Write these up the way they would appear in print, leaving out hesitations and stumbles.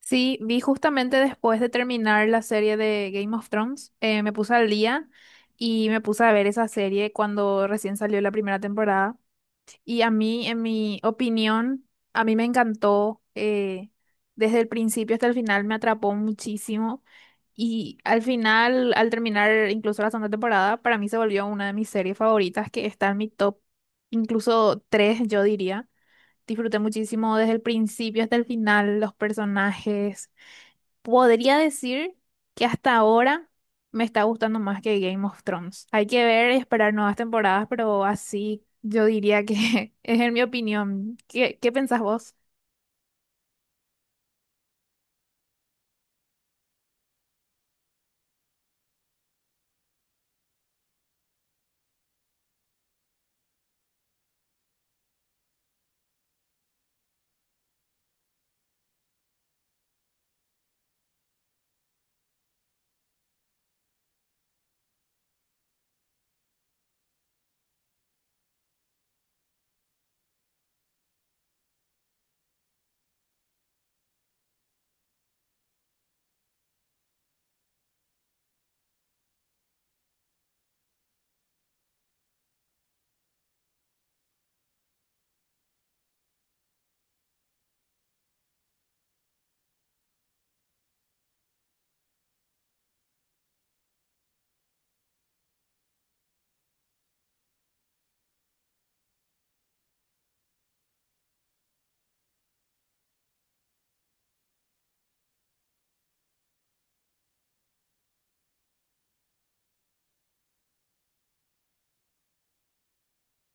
Sí, vi justamente después de terminar la serie de Game of Thrones, me puse al día y me puse a ver esa serie cuando recién salió la primera temporada. Y a mí, en mi opinión, a mí me encantó, desde el principio hasta el final me atrapó muchísimo. Y al final, al terminar incluso la segunda temporada, para mí se volvió una de mis series favoritas que está en mi top, incluso tres, yo diría. Disfruté muchísimo desde el principio hasta el final, los personajes. Podría decir que hasta ahora me está gustando más que Game of Thrones. Hay que ver y esperar nuevas temporadas, pero así yo diría que es en mi opinión. ¿Qué pensás vos?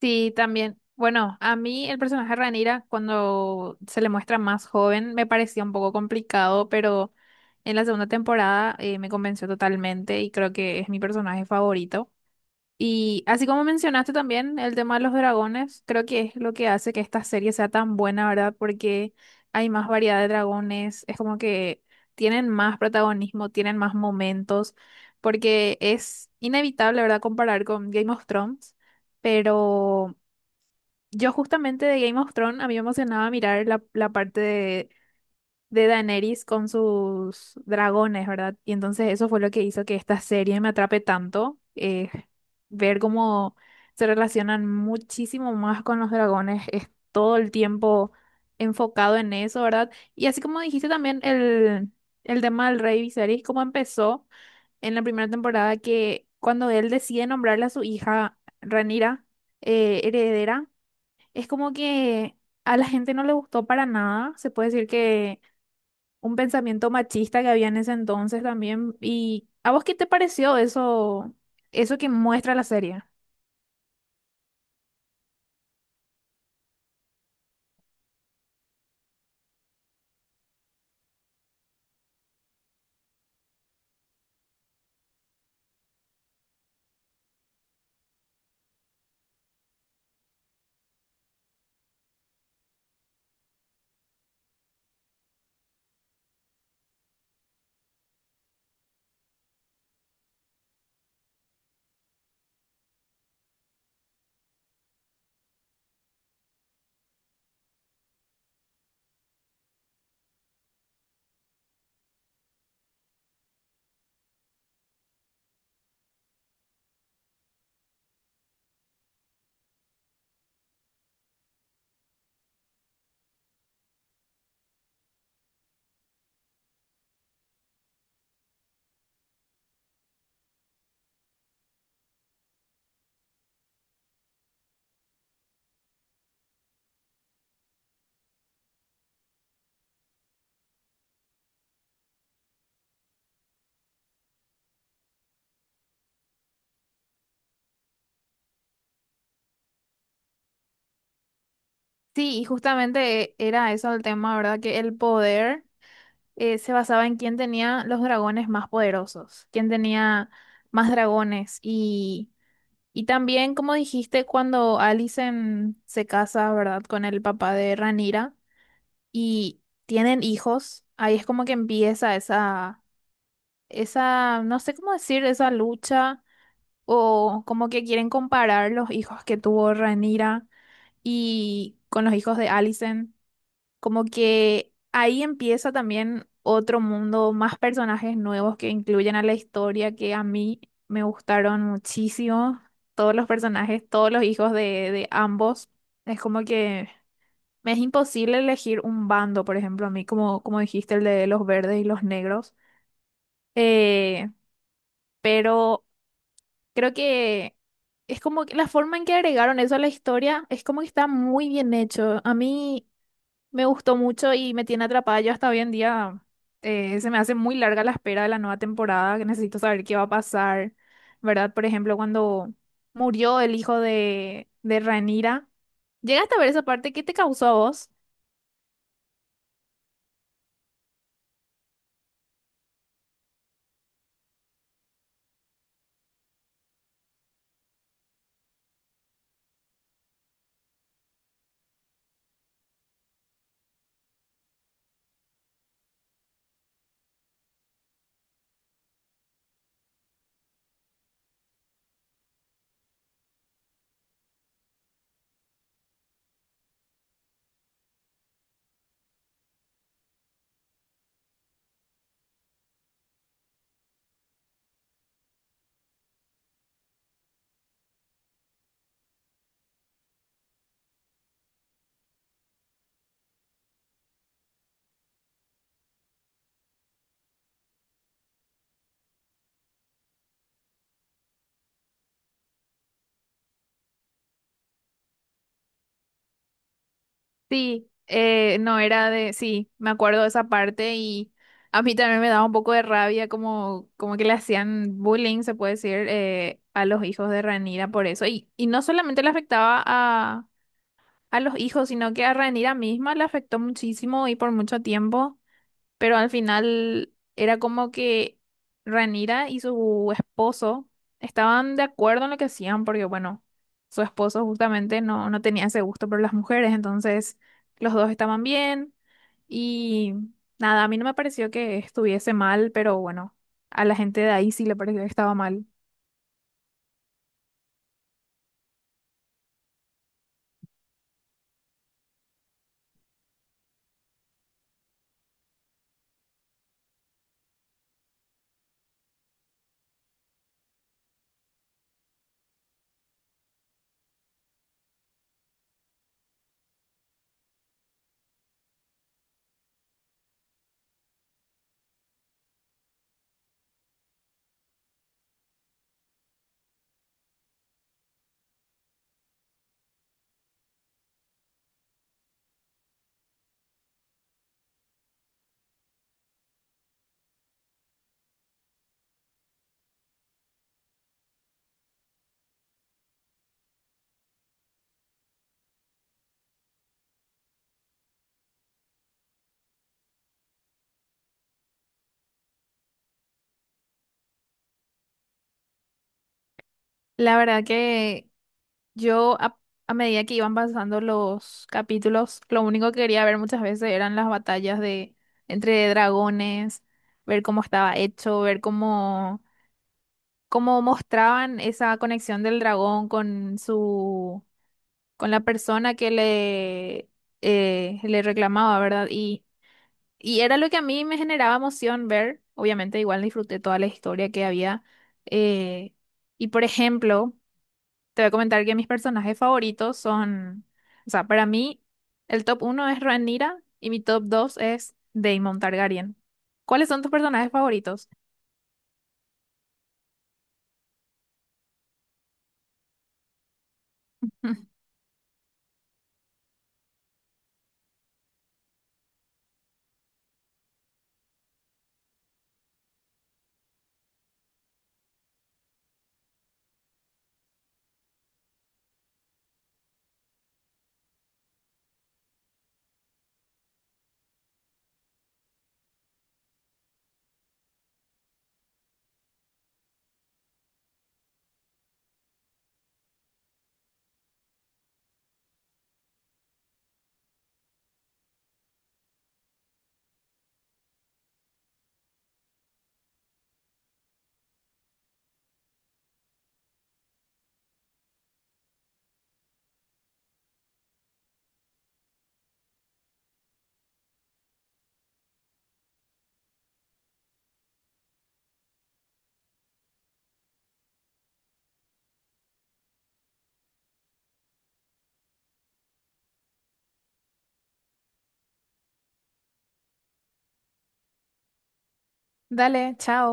Sí, también. Bueno, a mí el personaje de Rhaenyra cuando se le muestra más joven me parecía un poco complicado, pero en la segunda temporada me convenció totalmente y creo que es mi personaje favorito. Y así como mencionaste también el tema de los dragones, creo que es lo que hace que esta serie sea tan buena, ¿verdad? Porque hay más variedad de dragones, es como que tienen más protagonismo, tienen más momentos, porque es inevitable, ¿verdad? Comparar con Game of Thrones, pero yo justamente de Game of Thrones a mí me emocionaba mirar la parte de Daenerys con sus dragones, ¿verdad? Y entonces eso fue lo que hizo que esta serie me atrape tanto, ver cómo se relacionan muchísimo más con los dragones, es todo el tiempo enfocado en eso, ¿verdad? Y así como dijiste también el tema del rey Viserys, cómo empezó en la primera temporada que cuando él decide nombrarle a su hija Rhaenyra heredera, es como que a la gente no le gustó para nada, se puede decir que un pensamiento machista que había en ese entonces también. ¿Y a vos qué te pareció eso que muestra la serie? Sí, y justamente era eso el tema, ¿verdad? Que el poder se basaba en quién tenía los dragones más poderosos, quién tenía más dragones. Y también, como dijiste, cuando Alicent se casa, ¿verdad? Con el papá de Ranira y tienen hijos, ahí es como que empieza esa, no sé cómo decir, esa lucha o como que quieren comparar los hijos que tuvo Rhaenyra y con los hijos de Alicent, como que ahí empieza también otro mundo, más personajes nuevos que incluyen a la historia que a mí me gustaron muchísimo, todos los personajes, todos los hijos de ambos, es como que me es imposible elegir un bando, por ejemplo, a mí como, como dijiste, el de los verdes y los negros, eh, pero... Creo que es como que la forma en que agregaron eso a la historia es como que está muy bien hecho. A mí me gustó mucho y me tiene atrapada. Yo hasta hoy en día se me hace muy larga la espera de la nueva temporada, que necesito saber qué va a pasar, ¿verdad? Por ejemplo, cuando murió el hijo de Rhaenyra. ¿Llegaste a ver esa parte? ¿Qué te causó a vos? Sí, no era de, sí, me acuerdo de esa parte y a mí también me daba un poco de rabia como que le hacían bullying, se puede decir, a los hijos de Ranira por eso. Y no solamente le afectaba a los hijos, sino que a Ranira misma le afectó muchísimo y por mucho tiempo. Pero al final era como que Ranira y su esposo estaban de acuerdo en lo que hacían, porque bueno, su esposo justamente no, no tenía ese gusto por las mujeres, entonces los dos estaban bien y nada, a mí no me pareció que estuviese mal, pero bueno, a la gente de ahí sí le pareció que estaba mal. La verdad que yo a medida que iban pasando los capítulos, lo único que quería ver muchas veces eran las batallas de entre dragones, ver cómo estaba hecho, ver cómo mostraban esa conexión del dragón con su, con la persona que le reclamaba, ¿verdad? Y era lo que a mí me generaba emoción ver. Obviamente, igual disfruté toda la historia que había. eh, y por ejemplo. Te voy a comentar que mis personajes favoritos son, o sea, para mí el top uno es Rhaenyra y mi top 2 es Daemon Targaryen. ¿Cuáles son tus personajes favoritos? Dale, chao.